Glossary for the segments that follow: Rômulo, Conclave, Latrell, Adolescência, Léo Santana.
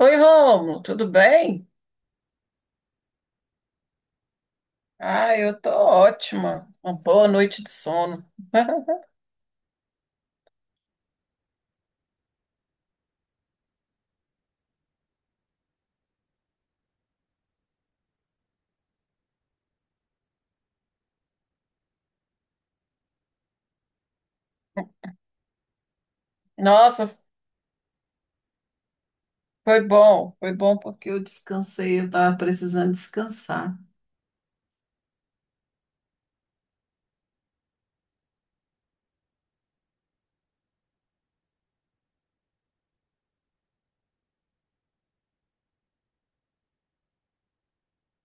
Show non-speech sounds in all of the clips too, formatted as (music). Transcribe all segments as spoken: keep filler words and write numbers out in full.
Oi, Rômulo, tudo bem? Ah, eu tô ótima. Uma boa noite de sono. (laughs) Nossa, foi bom. Foi bom porque eu descansei, eu tava precisando descansar.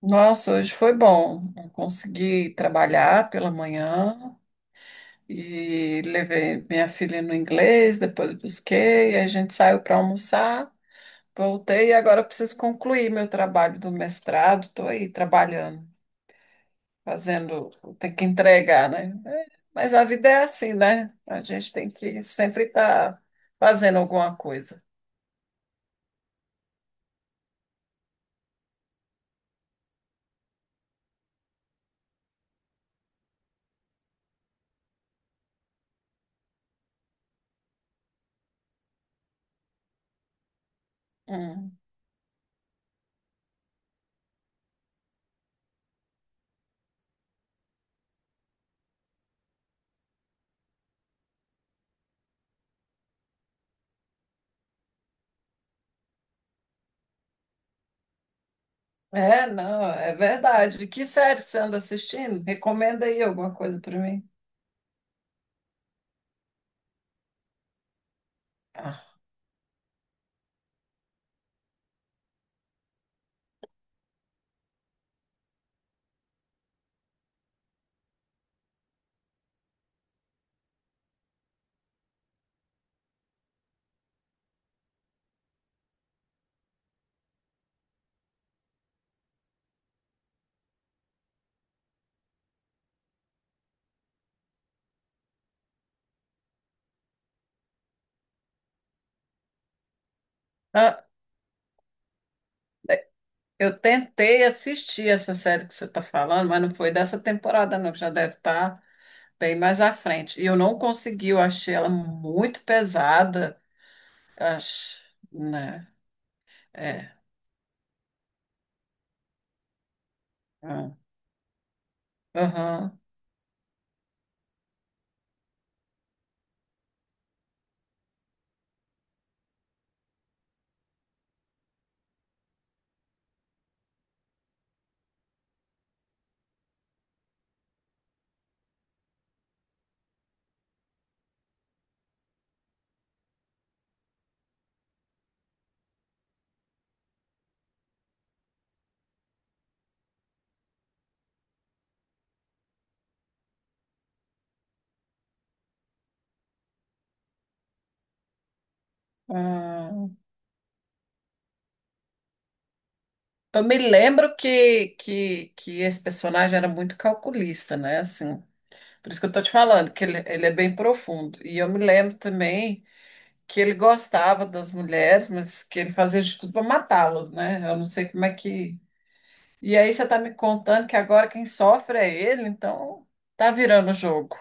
Nossa, hoje foi bom. Eu consegui trabalhar pela manhã e levei minha filha no inglês, depois busquei, a gente saiu para almoçar, voltei e agora eu preciso concluir meu trabalho do mestrado. Estou aí trabalhando, fazendo, o tem que entregar, né? É, mas a vida é assim, né? A gente tem que sempre estar fazendo alguma coisa. Hum. É, não, é verdade. Que série você anda assistindo? Recomenda aí alguma coisa para mim. Ah. Ah, eu tentei assistir essa série que você está falando, mas não foi dessa temporada, não, que já deve estar bem mais à frente. E eu não consegui, eu achei ela muito pesada. Acho, né? É. Ah. Aham. Ah. Eu me lembro que, que, que esse personagem era muito calculista, né? Assim, por isso que eu tô te falando, que ele, ele é bem profundo. E eu me lembro também que ele gostava das mulheres, mas que ele fazia de tudo para matá-las, né? Eu não sei como é que. E aí você tá me contando que agora quem sofre é ele, então tá virando o jogo.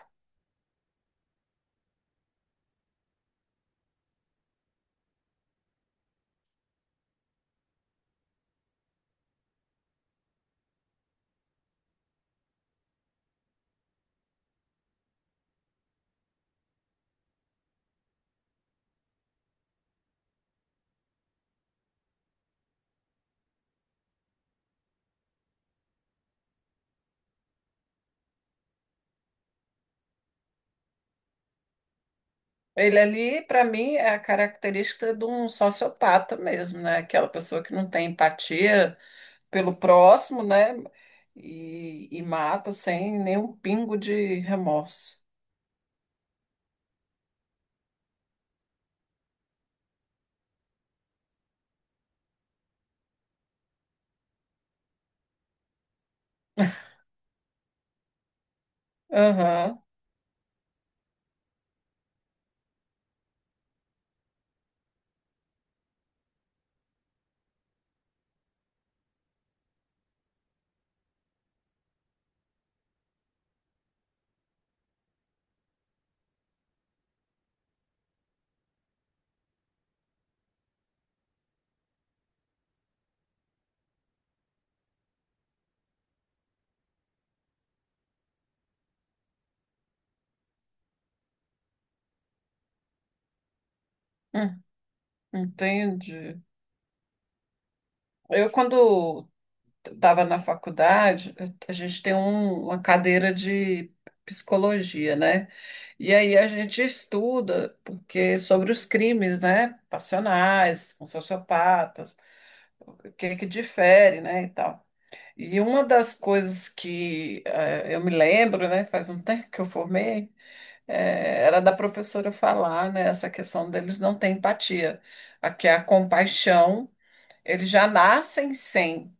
Ele ali, para mim, é a característica de um sociopata mesmo, né? Aquela pessoa que não tem empatia pelo próximo, né? E, e mata sem nenhum pingo de remorso. Aham, hum, entendi. Eu, quando estava na faculdade, a gente tem um- uma cadeira de psicologia, né? E aí a gente estuda porque sobre os crimes, né? Passionais, com sociopatas, o que que difere, né? E tal. E uma das coisas que eh, eu me lembro, né? Faz um tempo que eu formei. É, era da professora falar, né, essa questão deles não ter empatia. Aqui a compaixão, eles já nascem sem,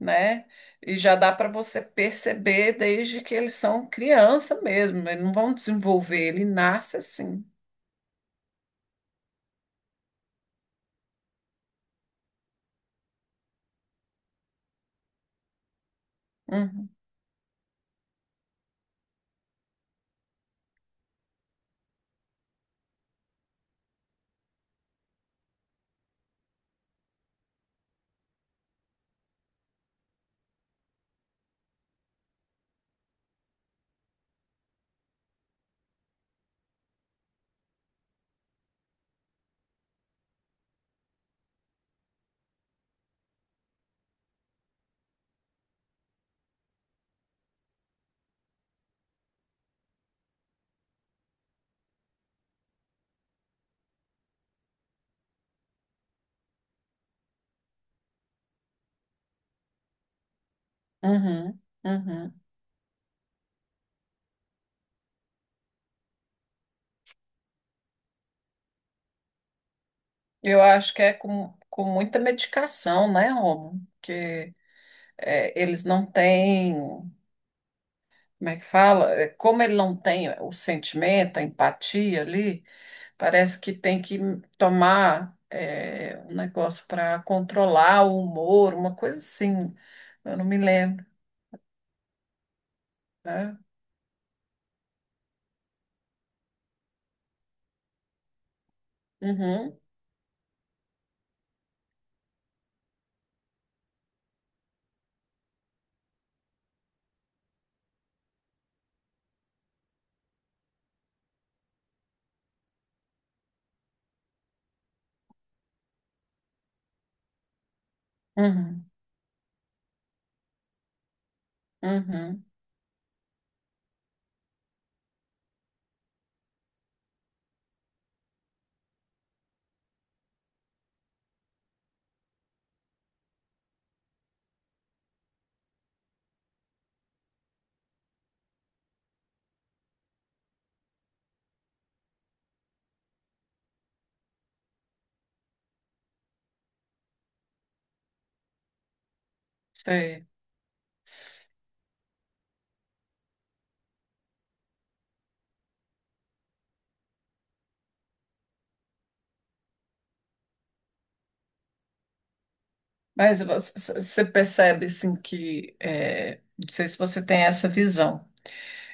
né? E já dá para você perceber desde que eles são criança mesmo, eles não vão desenvolver, ele nasce assim. Uhum, uhum, uhum. Eu acho que é com, com muita medicação, né, Romo? Porque é, eles não têm, como é que fala? É, como ele não tem o sentimento, a empatia ali. Parece que tem que tomar é, um negócio para controlar o humor, uma coisa assim. Eu não me lembro, né? Uhum, uhum, uhum, sei. Mas você você percebe assim que é, não sei se você tem essa visão.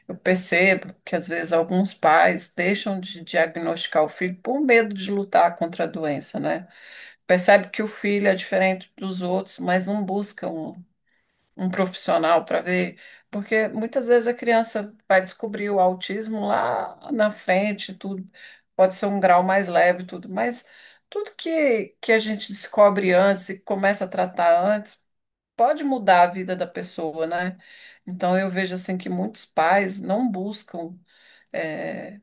Eu percebo que às vezes alguns pais deixam de diagnosticar o filho por medo de lutar contra a doença, né? Percebe que o filho é diferente dos outros, mas não buscam um profissional para ver, porque muitas vezes a criança vai descobrir o autismo lá na frente, tudo pode ser um grau mais leve, tudo, mas tudo que, que a gente descobre antes e começa a tratar antes pode mudar a vida da pessoa, né? Então eu vejo assim que muitos pais não buscam eh,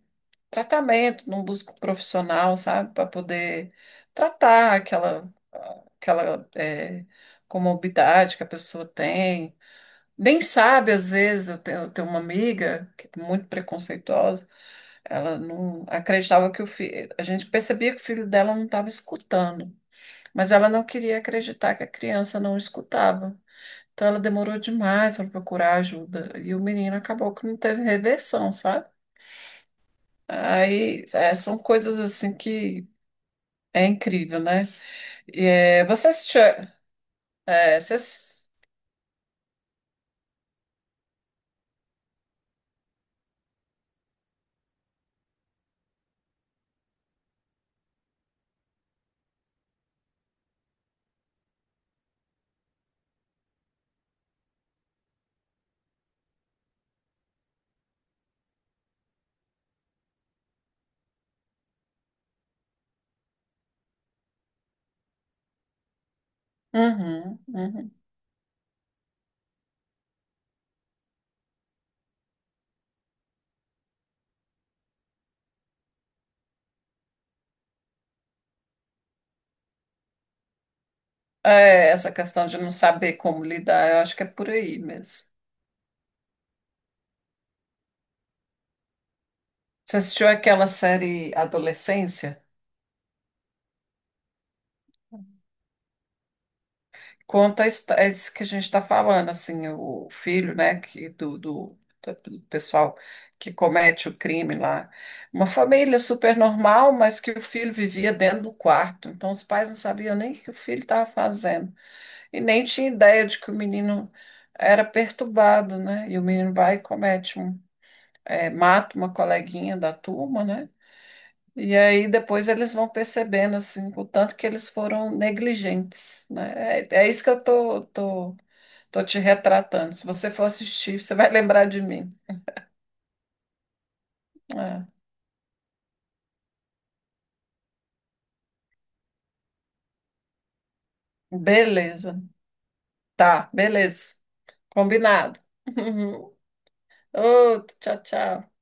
tratamento, não buscam profissional, sabe, para poder tratar aquela aquela eh, comorbidade que a pessoa tem. Nem sabe, às vezes, eu tenho, eu tenho uma amiga que é muito preconceituosa, ela não acreditava que o filho, a gente percebia que o filho dela não estava escutando, mas ela não queria acreditar que a criança não escutava. Então ela demorou demais para procurar ajuda e o menino acabou que não teve reversão, sabe? Aí é, são coisas assim que é incrível, né? E, é, você assistiu. É, você... ass- Uhum, uhum. É, essa questão de não saber como lidar, eu acho que é por aí mesmo. Você assistiu aquela série Adolescência? Conta a histó- é isso que a gente está falando, assim, o filho, né, que do, do, do pessoal que comete o crime lá. Uma família super normal, mas que o filho vivia dentro do quarto. Então os pais não sabiam nem o que o filho estava fazendo. E nem tinha ideia de que o menino era perturbado, né? E o menino vai e comete um, é, mata uma coleguinha da turma, né? E aí depois eles vão percebendo assim, o tanto que eles foram negligentes, né? É, é isso que eu tô, tô, tô te retratando. Se você for assistir, você vai (laughs) lembrar de mim. É. Beleza. Tá, beleza. Combinado. (laughs) Outro, tchau, tchau.